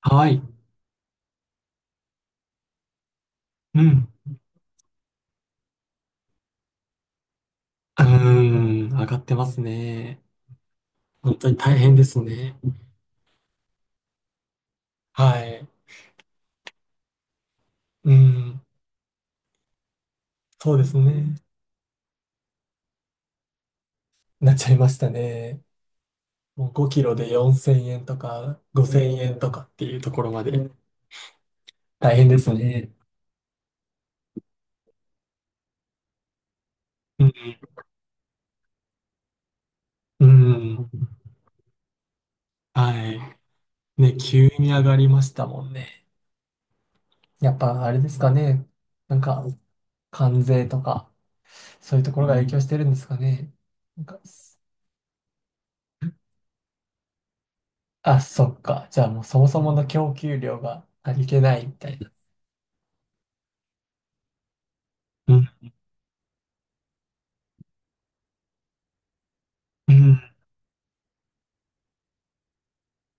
はい。うん。うーん。上がってますね。本当に大変ですね。はい。うん。そうですね。なっちゃいましたね。もう5キロで4000円とか5000円とかっていうところまで大変ですね。うん。うん。はい。ね、急に上がりましたもんね。やっぱあれですかね。なんか、関税とか、そういうところが影響してるんですかね。なんかあ、そっか。じゃあもうそもそもの供給量が足りてないみたいな。うん、うん、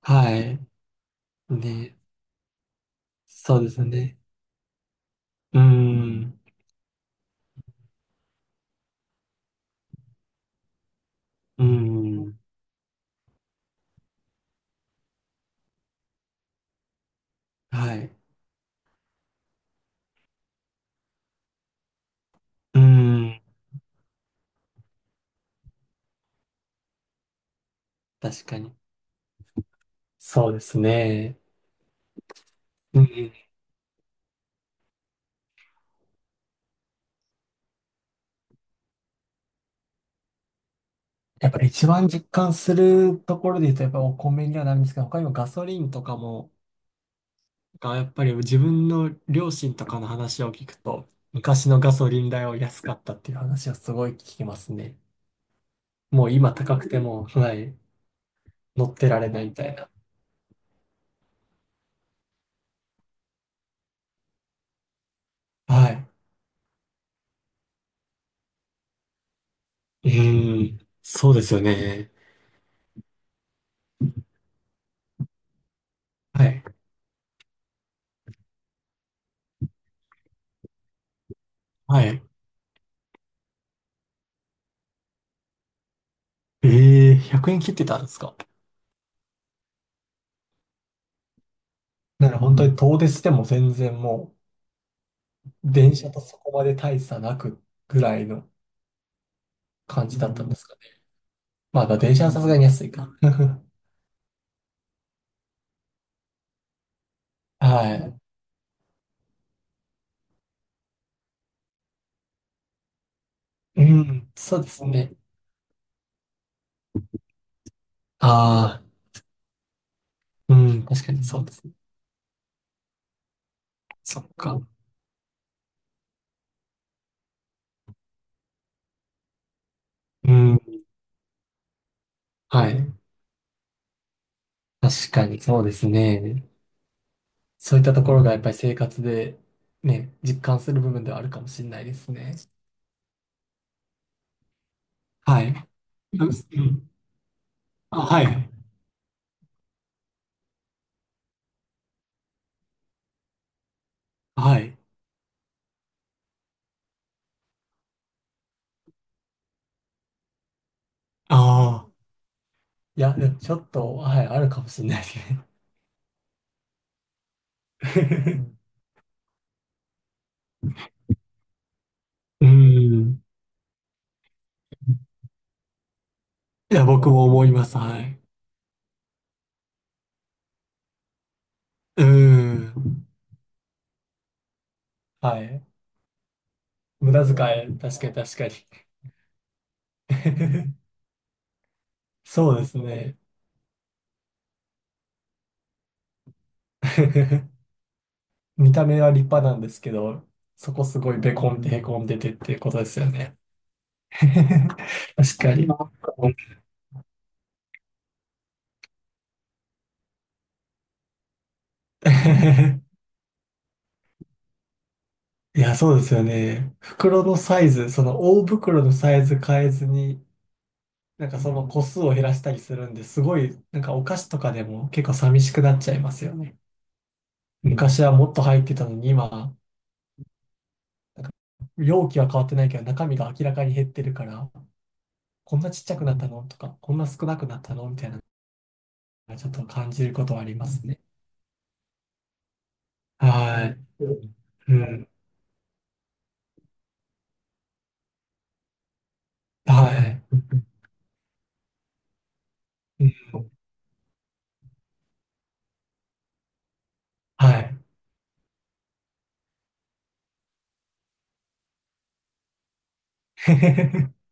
はい。ね、そうですね。うん、うん、はい。うん、確かに。そうですね。うん、やっぱり一番実感するところで言うと、やっぱりお米にはなるんですけど、他にもガソリンとかも、がやっぱり自分の両親とかの話を聞くと、昔のガソリン代は安かったっていう話はすごい聞きますね。もう今高くても、はい。乗ってられないみたいな。はい。うーん。そうですよね。はい。はい。ええ、100円切ってたんですか？なら本当に遠出しても全然もう、電車とそこまで大差なくぐらいの感じだったんですかね。まあ、だから電車はさすがに安いか。はい。うん、そうですね。ああ、うん、確かにそうですね。そっか。うん、はい。確かにそうですね。そういったところがやっぱり生活でね、実感する部分ではあるかもしれないですね。はい。うん。あ、はい。はい。ああ。いや、でもちょっと、はい、あるかもしれないですね。うん。いや、僕も思います。はい。うん。はい。無駄遣い、確かに確かに。そうですね。見た目は立派なんですけど、そこすごいベこんでへこんでてっていうことですよね。確かに。う いや、そうですよね。袋のサイズ、その大袋のサイズ変えずに、なんかその個数を減らしたりするんで、すごい、なんかお菓子とかでも結構寂しくなっちゃいますよね。昔はもっと入ってたのに、今、なんか容器は変わってないけど、中身が明らかに減ってるから、こんなちっちゃくなったのとか、こんな少なくなったのみたいなのがちょっと感じることはありますね。はい。うん。はい。うんはい。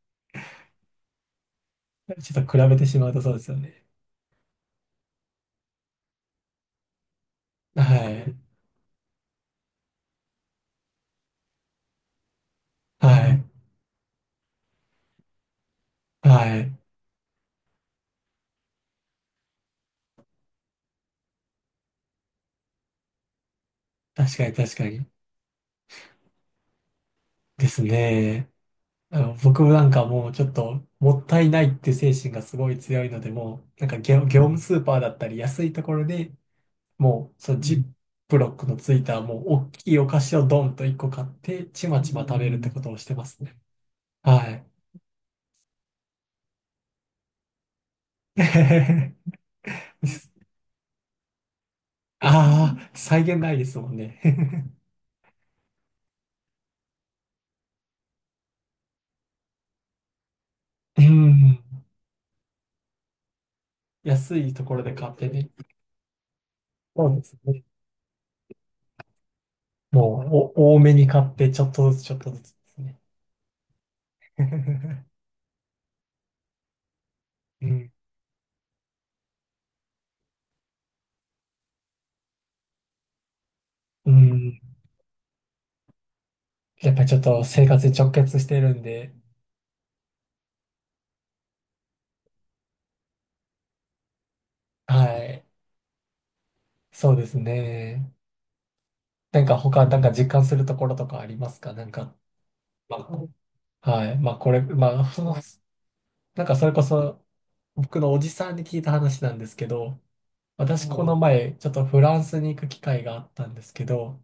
ちょっと比べてしまうとそうですよね。はい。はい。はい。確かに確かに。ですね。あの僕もなんかもうちょっともったいないって精神がすごい強いので、もうなんか業務スーパーだったり安いところでもうそのジップロックのついたもう大きいお菓子をドンと一個買ってちまちま食べるってことをしてますね。はい。ああ、際限ないですもんね。うん。安いところで買ってね。そうですね。もうお多めに買ってちょっとずつちょっとずつですね。うん。うんやっぱりちょっと生活に直結してるんで、はい。そうですね。なんか他、なんか実感するところとかありますかなんか、まあ、はい。まあこれ、まあ、その、なんかそれこそ僕のおじさんに聞いた話なんですけど、私この前、ちょっとフランスに行く機会があったんですけど、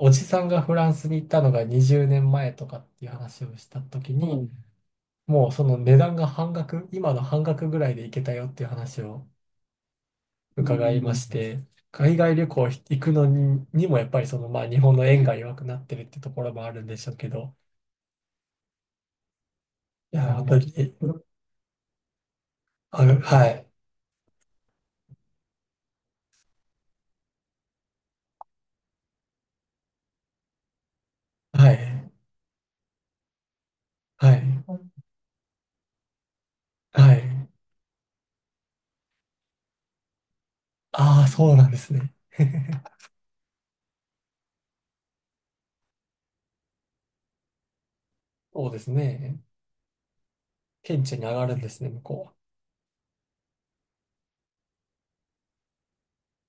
おじさんがフランスに行ったのが20年前とかっていう話をした時に、もうその値段が半額、今の半額ぐらいで行けたよっていう話を伺いまして、海外旅行行くのに、にもやっぱりその、まあ、日本の円が弱くなってるってところもあるんでしょうけど、いや、あ本の、当に、えあ、はい、はい、はい、はい。ああ、そうなんですね。そうですね。顕著に上がるんですね、向こ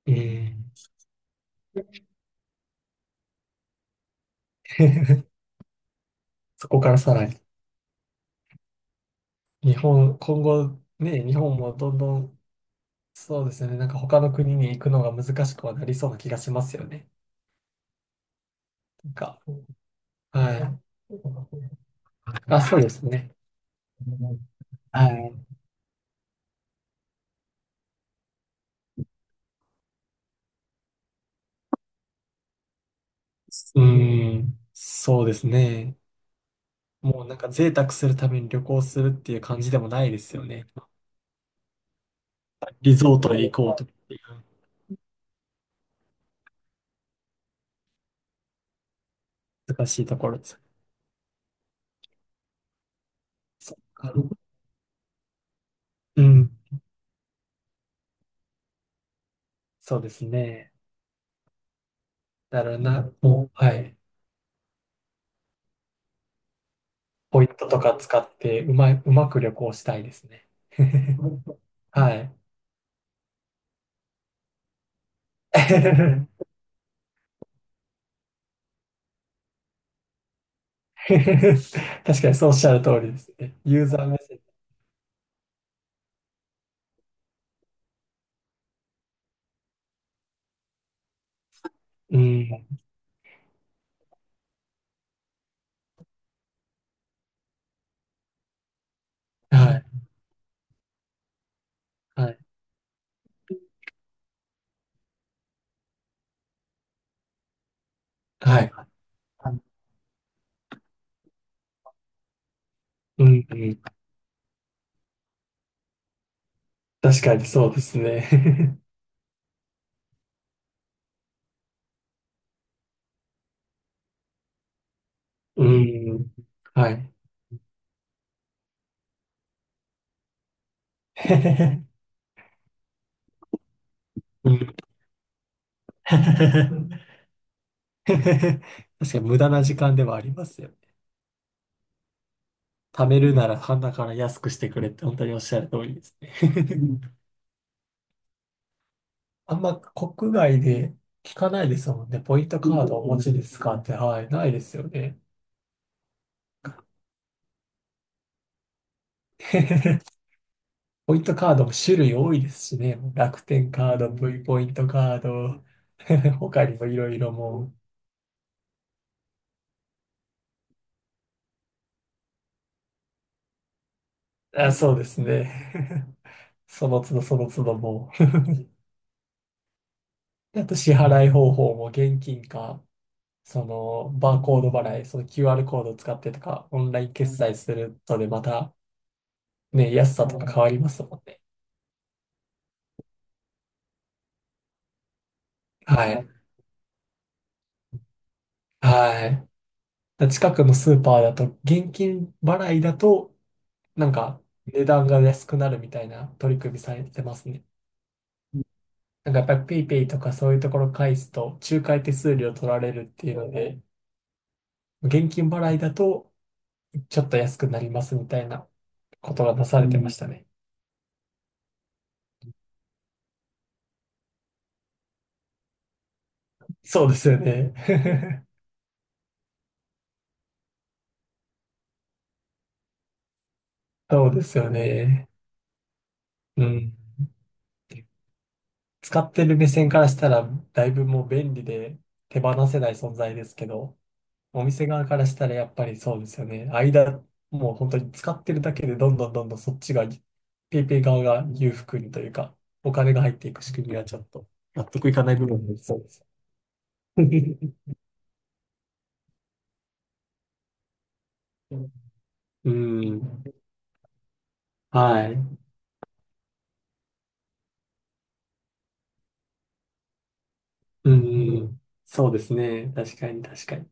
うは。うん。そこからさらに。日本、今後、ね、日本もどんどん、そうですよね、なんか他の国に行くのが難しくはなりそうな気がしますよね。なんか、はい。あ、そうですね。はい。うん、そうですね。もうなんか贅沢するために旅行するっていう感じでもないですよね。リゾートへ行こうとかっていう難しいところです。そっか。うん、そうですね。だからな、もう、はい。ポイントとか使ってうまく旅行したいですね。はい。確かにそうおっしゃる通りですね。ユーザー目線。うん。はい。はい。はい。うん。うん確かにそうですね。うん。はい。うん 確かに無駄な時間ではありますよね。貯めるなら鼻から安くしてくれって本当におっしゃる通りですね。うん。あんま国外で聞かないですもんね。ポイントカードお持ちですかって、はい、ないですよね。ポイントカードも種類多いですしね。もう楽天カード、V ポイントカード、他にもいろいろもう。あ、そうですね。その都度その都度もう、あと支払い方法も現金か、そのバーコード払い、その QR コードを使ってとか、オンライン決済するとでまたね、安さとか変わりますもんね。はい。はい。だ近くのスーパーだと、現金払いだと、なんか値段が安くなるみたいな取り組みされてますね。なんかやっぱりペイペイとかそういうところ返すと、仲介手数料取られるっていうので、現金払いだとちょっと安くなりますみたいなことがなされてましたね。そうですよね。そうですよね。うん。使ってる目線からしたら、だいぶもう便利で手放せない存在ですけど、お店側からしたらやっぱりそうですよね。間、もう本当に使ってるだけでどんどんどんどんそっちが、ペイペイ側が裕福にというか、お金が入っていく仕組みはちょっと納得いかない部分もありそうです。うん。はい。うん。そうですね。確かに確かに。